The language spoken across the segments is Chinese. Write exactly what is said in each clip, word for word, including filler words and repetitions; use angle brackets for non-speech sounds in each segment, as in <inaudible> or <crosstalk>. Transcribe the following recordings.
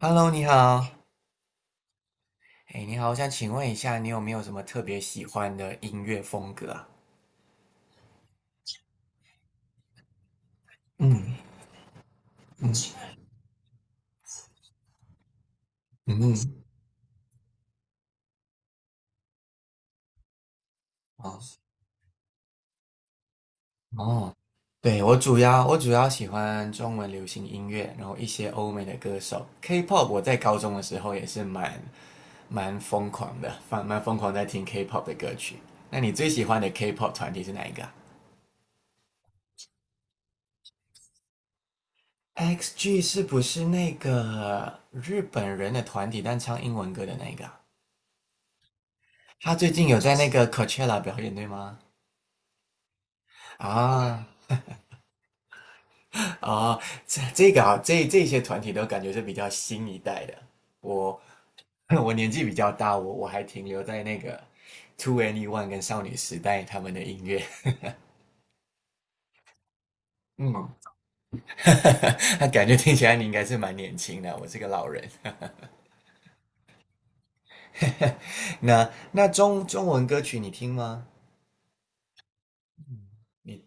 Hello，你好。哎，你好，我想请问一下，你有没有什么特别喜欢的音乐风格啊？嗯嗯嗯，哦哦，对，我主要我主要喜欢中文流行音乐，然后一些欧美的歌手，K-pop。我在高中的时候也是蛮蛮疯狂的，蛮蛮疯狂在听 K-pop 的歌曲。那你最喜欢的 K-pop 团体是哪一个啊？ x g 是不是那个日本人的团体，但唱英文歌的那一个啊？他最近有在那个 Coachella 表演，对吗？啊啊，这这个啊，这这些团体都感觉是比较新一代的。我 <laughs> 我年纪比较大，我我还停留在那个 Two Any One 跟少女时代他们的音乐。嗯，<laughs> 那感觉听起来你应该是蛮年轻的，我是个老人。<laughs> 那那中中文歌曲你听吗？你。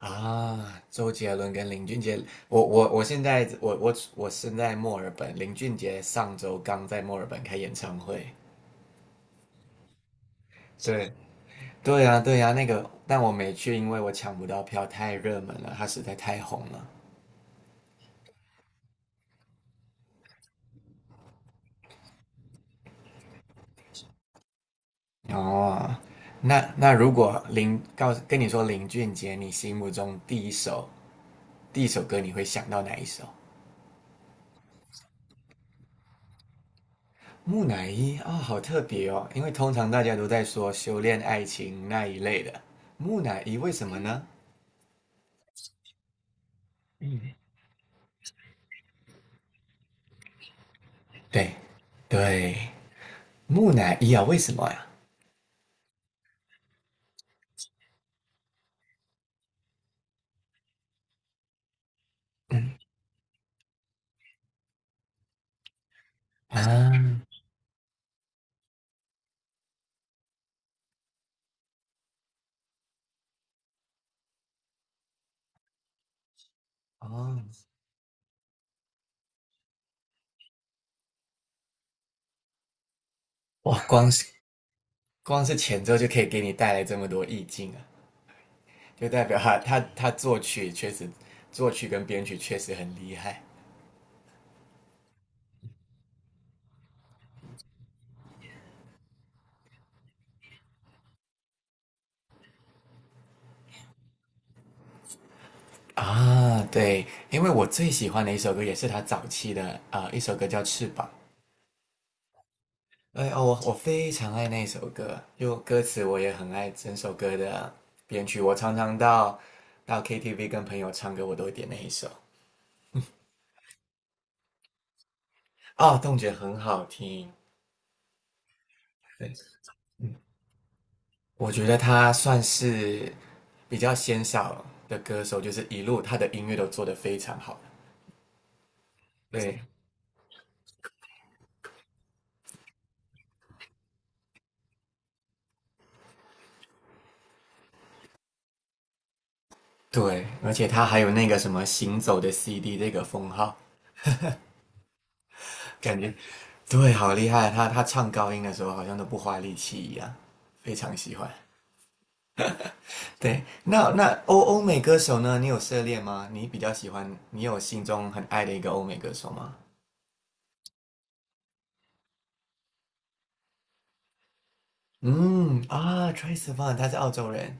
啊，周杰伦跟林俊杰，我我我现在我我我身在墨尔本，林俊杰上周刚在墨尔本开演唱会。对对呀对呀，那个但我没去，因为我抢不到票，太热门了，他实在太红了。哦，那那如果林告诉跟你说林俊杰，你心目中第一首第一首歌你会想到哪一首？木乃伊啊，哦好特别哦，因为通常大家都在说修炼爱情那一类的，木乃伊为什么呢？对对，木乃伊啊，为什么呀？啊，哦，哇，光是光是前奏就可以给你带来这么多意境啊，就代表他他他作曲确实，作曲跟编曲确实很厉害啊。对，因为我最喜欢的一首歌也是他早期的啊、呃一首歌叫《翅膀》。哎哦，我我非常爱那首歌，就歌词我也很爱整首歌的编曲。我常常到到 K T V 跟朋友唱歌，我都会点那一首。啊，动觉很好听。对，我觉得他算是比较鲜少的歌手，就是一路他的音乐都做得非常好。对对，而且他还有那个什么“行走的 C D” 这个封号，感觉 <laughs> 对，好厉害。他他唱高音的时候好像都不花力气一样，非常喜欢。对，那那欧欧美歌手呢？你有涉猎吗？你比较喜欢，你有心中很爱的一个欧美歌手吗？嗯啊，Trace Van，他是澳洲人。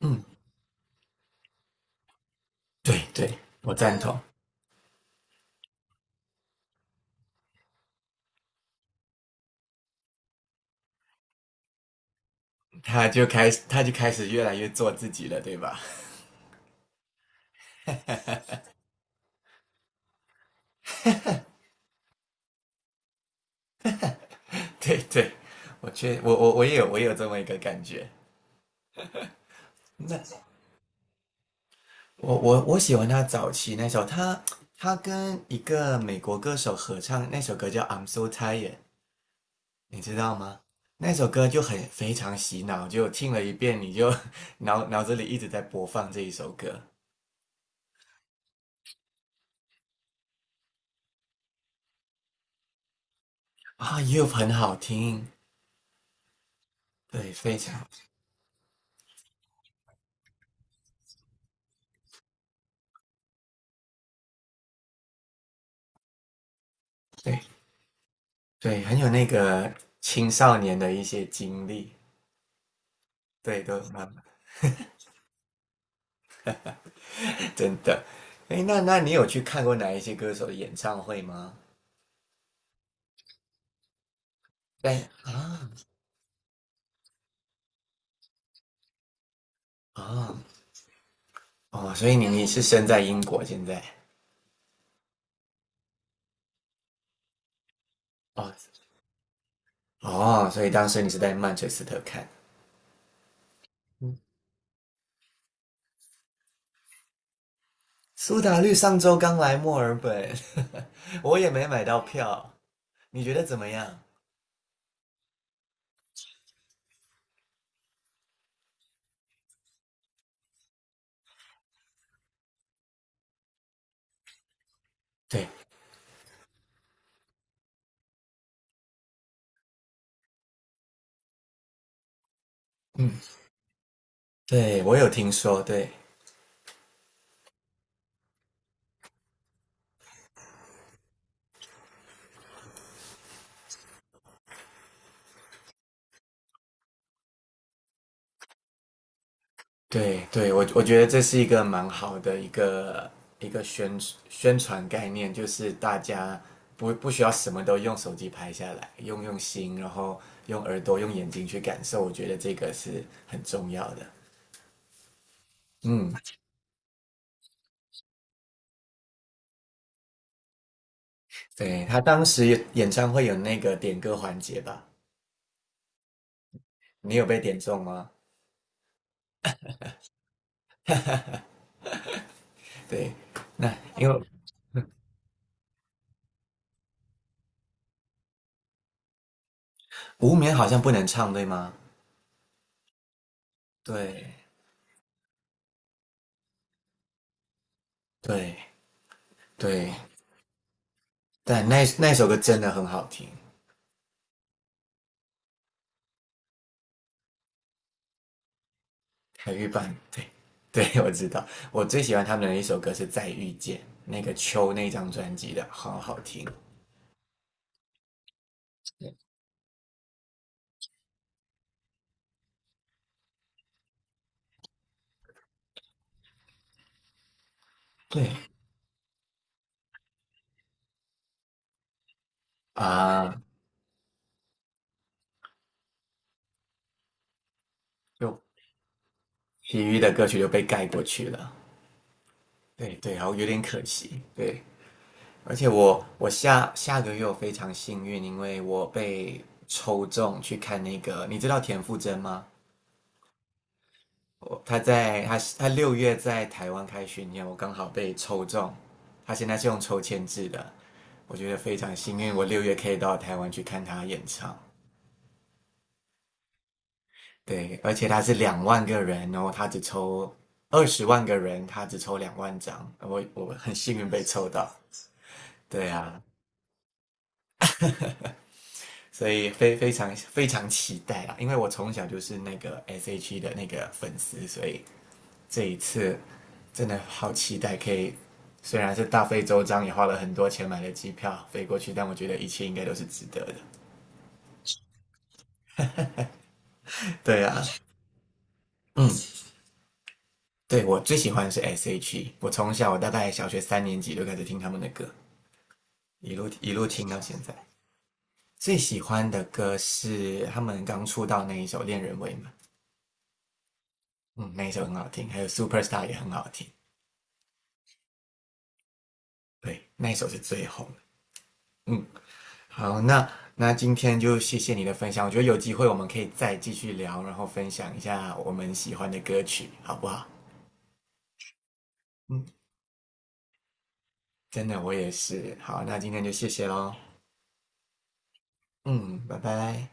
嗯，对对，我赞同。他就开始，他就开始越来越做自己了，对吧？<laughs> 对对，我确我我我也有我也有这么一个感觉。那我我我喜欢他早期那首，他他跟一个美国歌手合唱那首歌叫《I'm So Tired》，你知道吗？那首歌就很非常洗脑，就听了一遍你就 <laughs> 脑脑子里一直在播放这一首歌啊，又很好听。对，非常。对对，很有那个青少年的一些经历，对，都蛮真的。哎，那那你有去看过哪一些歌手的演唱会吗？对啊啊哦，所以你你是身在英国现在？哦，哦，所以当时你是在曼彻斯特看。嗯苏打绿上周刚来墨尔本，<laughs> 我也没买到票，你觉得怎么样？对，嗯，对我有听说，对，对对，我我觉得这是一个蛮好的一个一个宣宣传概念，就是大家不不需要什么都用手机拍下来，用用心，然后用耳朵、用眼睛去感受，我觉得这个是很重要的。嗯，对，他当时有演唱会有那个点歌环节吧？你有被点中吗？对，那因为无眠好像不能唱，对吗？对对对，但那那首歌真的很好听。海芋棒，对 <laughs> 对，我知道。我最喜欢他们的一首歌是《再遇见》，那个秋那张专辑的，好好听。对啊，就其余的歌曲就被盖过去了。对对，然后有点可惜。对，而且我我下下个月我非常幸运，因为我被抽中去看那个，你知道田馥甄吗？我他在他他六月在台湾开巡演，我刚好被抽中。他现在是用抽签制的，我觉得非常幸运，我六月可以到台湾去看他演唱。对，而且他是两万个人哦，然后他只抽二十万个人，他只抽两万张，我我很幸运被抽到。对啊，所以非非常非常期待啦，因为我从小就是那个 S H.E 的那个粉丝，所以这一次真的好期待，可以虽然是大费周章，也花了很多钱买了机票飞过去，但我觉得一切应该都是值得的。对啊，嗯，对我最喜欢的是 S H.E，我从小我大概小学三年级就开始听他们的歌，一路一路听到现在。最喜欢的歌是他们刚出道那一首《恋人未满》，嗯，那一首很好听，还有《Superstar》也很好听，对，那一首是最红的。嗯，好，那那今天就谢谢你的分享，我觉得有机会我们可以再继续聊，然后分享一下我们喜欢的歌曲，好不好？嗯，真的我也是。好，那今天就谢谢喽。嗯，拜拜。